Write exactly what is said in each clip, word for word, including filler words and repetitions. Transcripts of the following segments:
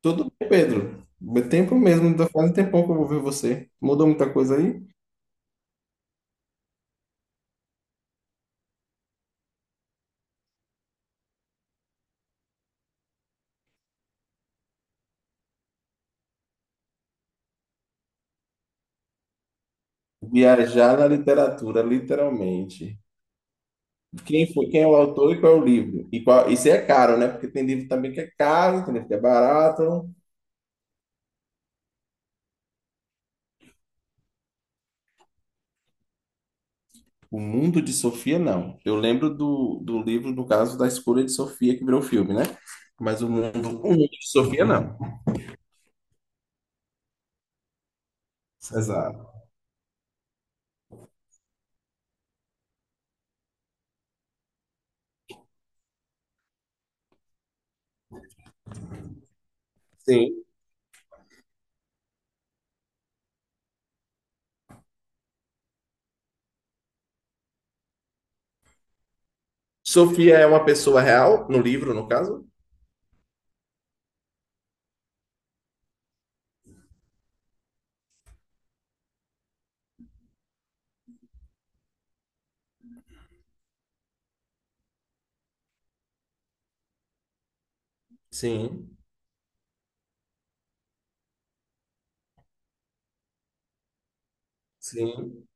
Tudo bem, Pedro. Meu Tempo mesmo, ainda faz um tempão que eu vou ver você. Mudou muita coisa aí? Viajar na literatura, literalmente. Quem foi, quem é o autor e qual é o livro? E qual, isso é caro, né? Porque tem livro também que é caro, tem livro que é barato. O Mundo de Sofia, não. Eu lembro do, do livro, no caso, da escolha de Sofia, que virou filme, né? Mas o Mundo, o Mundo de Sofia, não. Exato. Sim. Sofia é uma pessoa real, no livro, no caso? Sim, sim,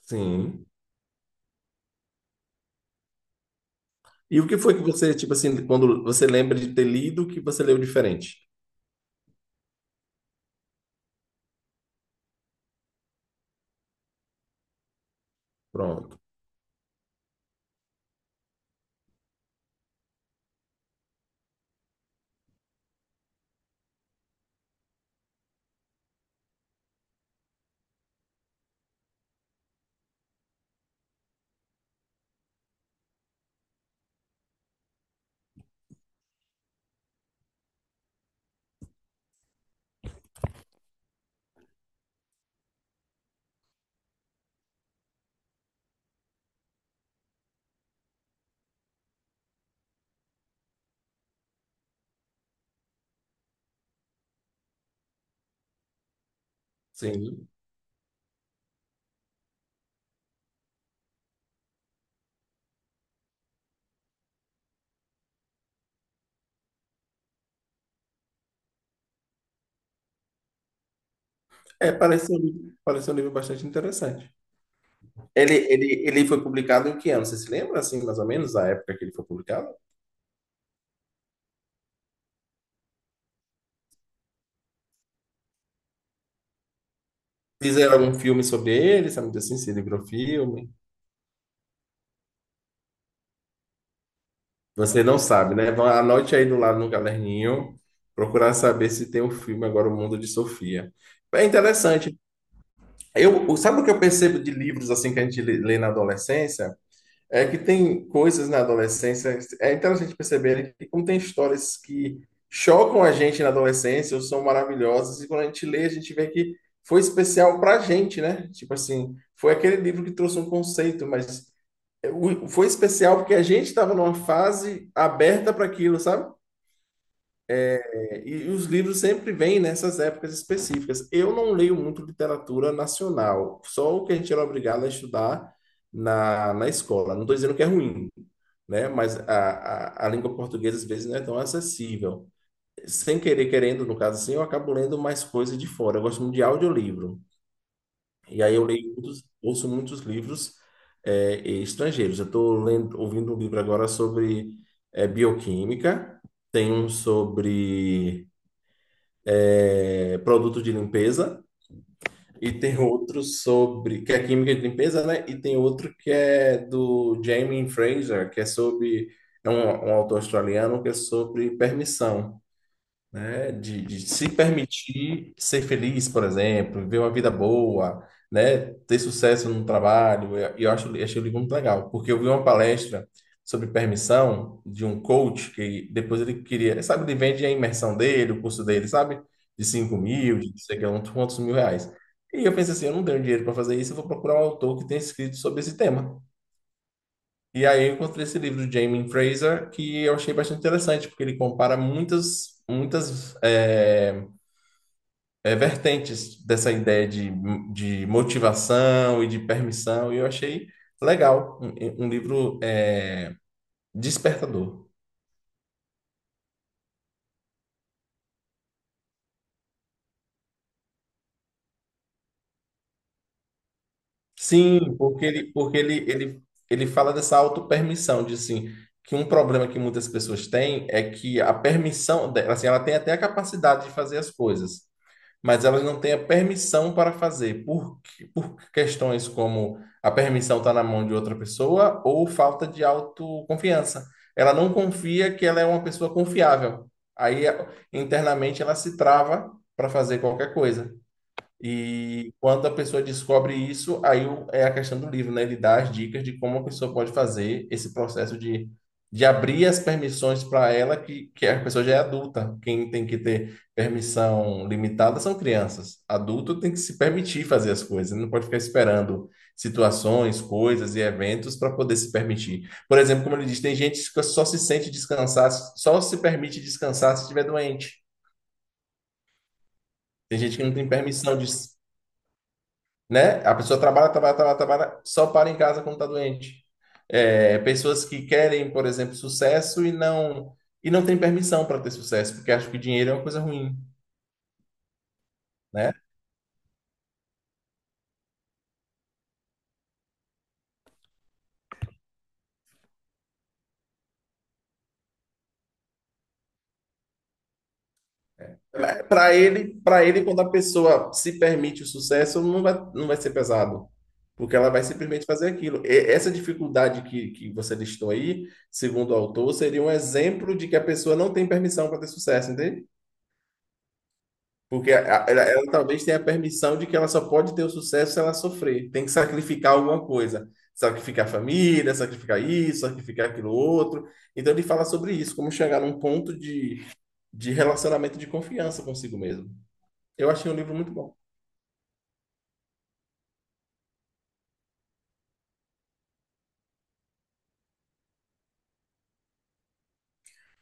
sim. E o que foi que você, tipo assim, quando você lembra de ter lido, que você leu diferente? Pronto. Sim. É, parece um, livro- parece um livro bastante interessante. Ele, ele, ele foi publicado em que ano? Você se lembra, assim, mais ou menos, a época que ele foi publicado? Fizeram algum filme sobre ele, sabe assim, se livrou filme. Você não sabe, né? Vá- Anote aí do lado no caderninho, procurar saber se tem o filme agora, O Mundo de Sofia. É interessante. Eu, o- sabe o que eu percebo de livros, assim, que a gente lê lê na adolescência? É que tem coisas na adolescência, é interessante perceber, né, que como tem histórias que chocam a gente na adolescência ou são maravilhosas, e quando a gente lê, a gente vê que foi especial pra gente, né? Tipo assim, foi aquele livro que trouxe um conceito, mas eh, o- foi especial porque a gente estava numa fase aberta para aquilo, sabe? É, e os livros sempre vêm nessas épocas específicas. Eu não leio muito literatura nacional, só o que a gente era obrigado a estudar na, na escola. Não estou dizendo que é ruim, né? Mas a, a, a língua portuguesa às vezes não é tão acessível. Sem querer, querendo, no caso assim, eu acabo lendo mais coisas de fora. Eu gosto muito de audiolivro. E aí eu leio muitos, ouço muitos livros eh, estrangeiros. Eu estou lendo, ouvindo um livro agora sobre eh, bioquímica, tem um sobre é, produtos de limpeza, e tem outro sobre, que é química de limpeza, né? E tem outro que é do Jamie Fraser, que é sobre, é um, um autor australiano, que é sobre permissão, né? De, de se permitir ser feliz, por exemplo, viver uma vida boa, né? Ter sucesso no trabalho. E Eu, eu acho, eu achei o livro muito legal, porque eu vi uma palestra sobre permissão de um coach que depois ele queria, sabe, ele vende a imersão dele, o curso dele, sabe? De cinco mil, de não sei o que, quantos quantos mil reais. E eu pensei assim, eu não tenho dinheiro para fazer isso, eu vou procurar um autor que tenha escrito sobre esse tema. E aí eu encontrei esse livro do Jamie Fraser que eu achei bastante interessante, porque ele compara muitas, muitas é, é, vertentes dessa ideia de, de motivação e de permissão, e eu achei legal, um, um livro é, despertador. Sim, porque ele, porque ele, ele, ele fala dessa autopermissão, de assim, que um problema que muitas pessoas têm é que a permissão, dela, assim, ela tem até a capacidade de fazer as coisas, mas elas não têm a permissão para fazer, por, por questões como a permissão está na mão de outra pessoa ou falta de autoconfiança. Ela não confia que ela é uma pessoa confiável. Aí, internamente, ela se trava para fazer qualquer coisa. E quando a pessoa descobre isso, aí o- é a questão do livro, né? Ele dá as dicas de como a pessoa pode fazer esse processo de, de abrir as permissões para ela, que, que a pessoa já é adulta. Quem tem que ter permissão limitada são crianças. Adulto tem que se permitir fazer as coisas, não pode ficar esperando situações, coisas e eventos para poder se permitir. Por exemplo, como ele diz, tem gente que fica- só se sente descansar, só se permite descansar se estiver doente. Tem gente que não tem permissão de, né? A pessoa trabalha, trabalha, trabalha, trabalha, só para em casa quando está doente. É, pessoas que querem, por exemplo, sucesso e não e não tem permissão para ter sucesso, porque acham que dinheiro é uma coisa ruim, né? Para ele, para ele, quando a pessoa se permite o sucesso, não vai, não vai ser pesado, porque ela vai simplesmente fazer aquilo. E essa dificuldade que, que você listou aí, segundo o autor, seria um exemplo de que a pessoa não tem permissão para ter sucesso, entende? Porque a- a- ela, ela talvez tenha a permissão de que ela só pode ter o sucesso se ela sofrer. Tem que sacrificar alguma coisa. Sacrificar a família, sacrificar isso, sacrificar aquilo outro. Então ele fala sobre isso, como chegar num ponto de, de relacionamento de confiança consigo mesmo. Eu achei um livro muito bom.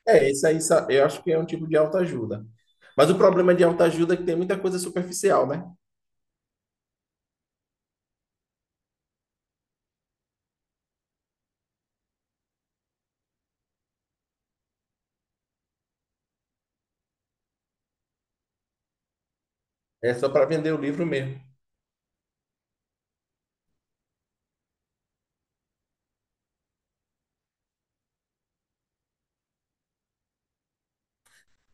É, esse aí sa- eu acho que é um tipo de autoajuda. Mas o problema de autoajuda é que tem muita coisa superficial, né? É só para vender o livro mesmo.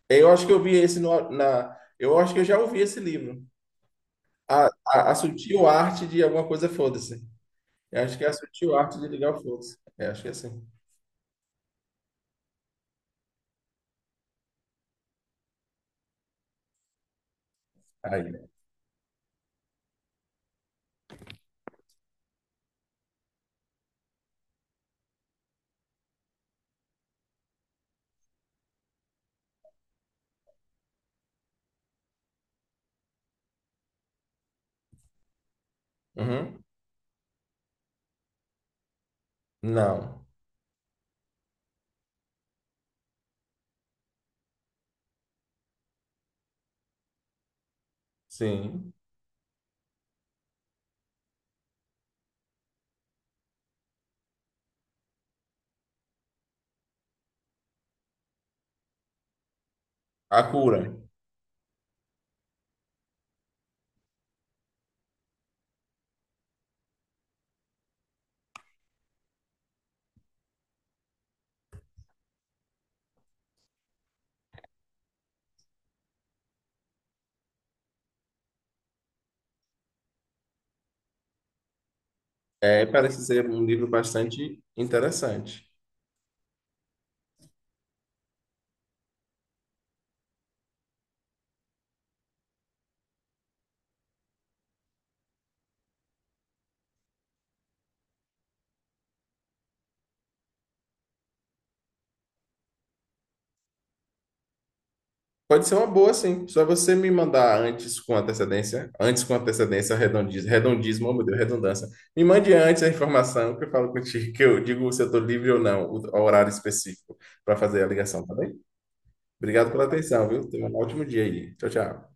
Eu acho que eu vi esse no- na. Eu acho que eu já ouvi esse livro. A, a, a sutil arte de alguma coisa, foda-se. Eu acho que é a sutil arte de ligar o fluxo. Eu acho que é assim. Aí. Uhum. Não. Sim. A cura. É, parece ser um livro bastante interessante. Pode ser uma boa, sim. Só você me mandar antes com antecedência, antes com antecedência, redondismo, redondismo, oh, meu Deus, redundância. Me mande antes a informação que eu falo contigo, que eu digo se eu estou livre ou não, o o horário específico para fazer a ligação, tá bem? Obrigado pela atenção, viu? Tenha um ótimo dia aí. Tchau, tchau.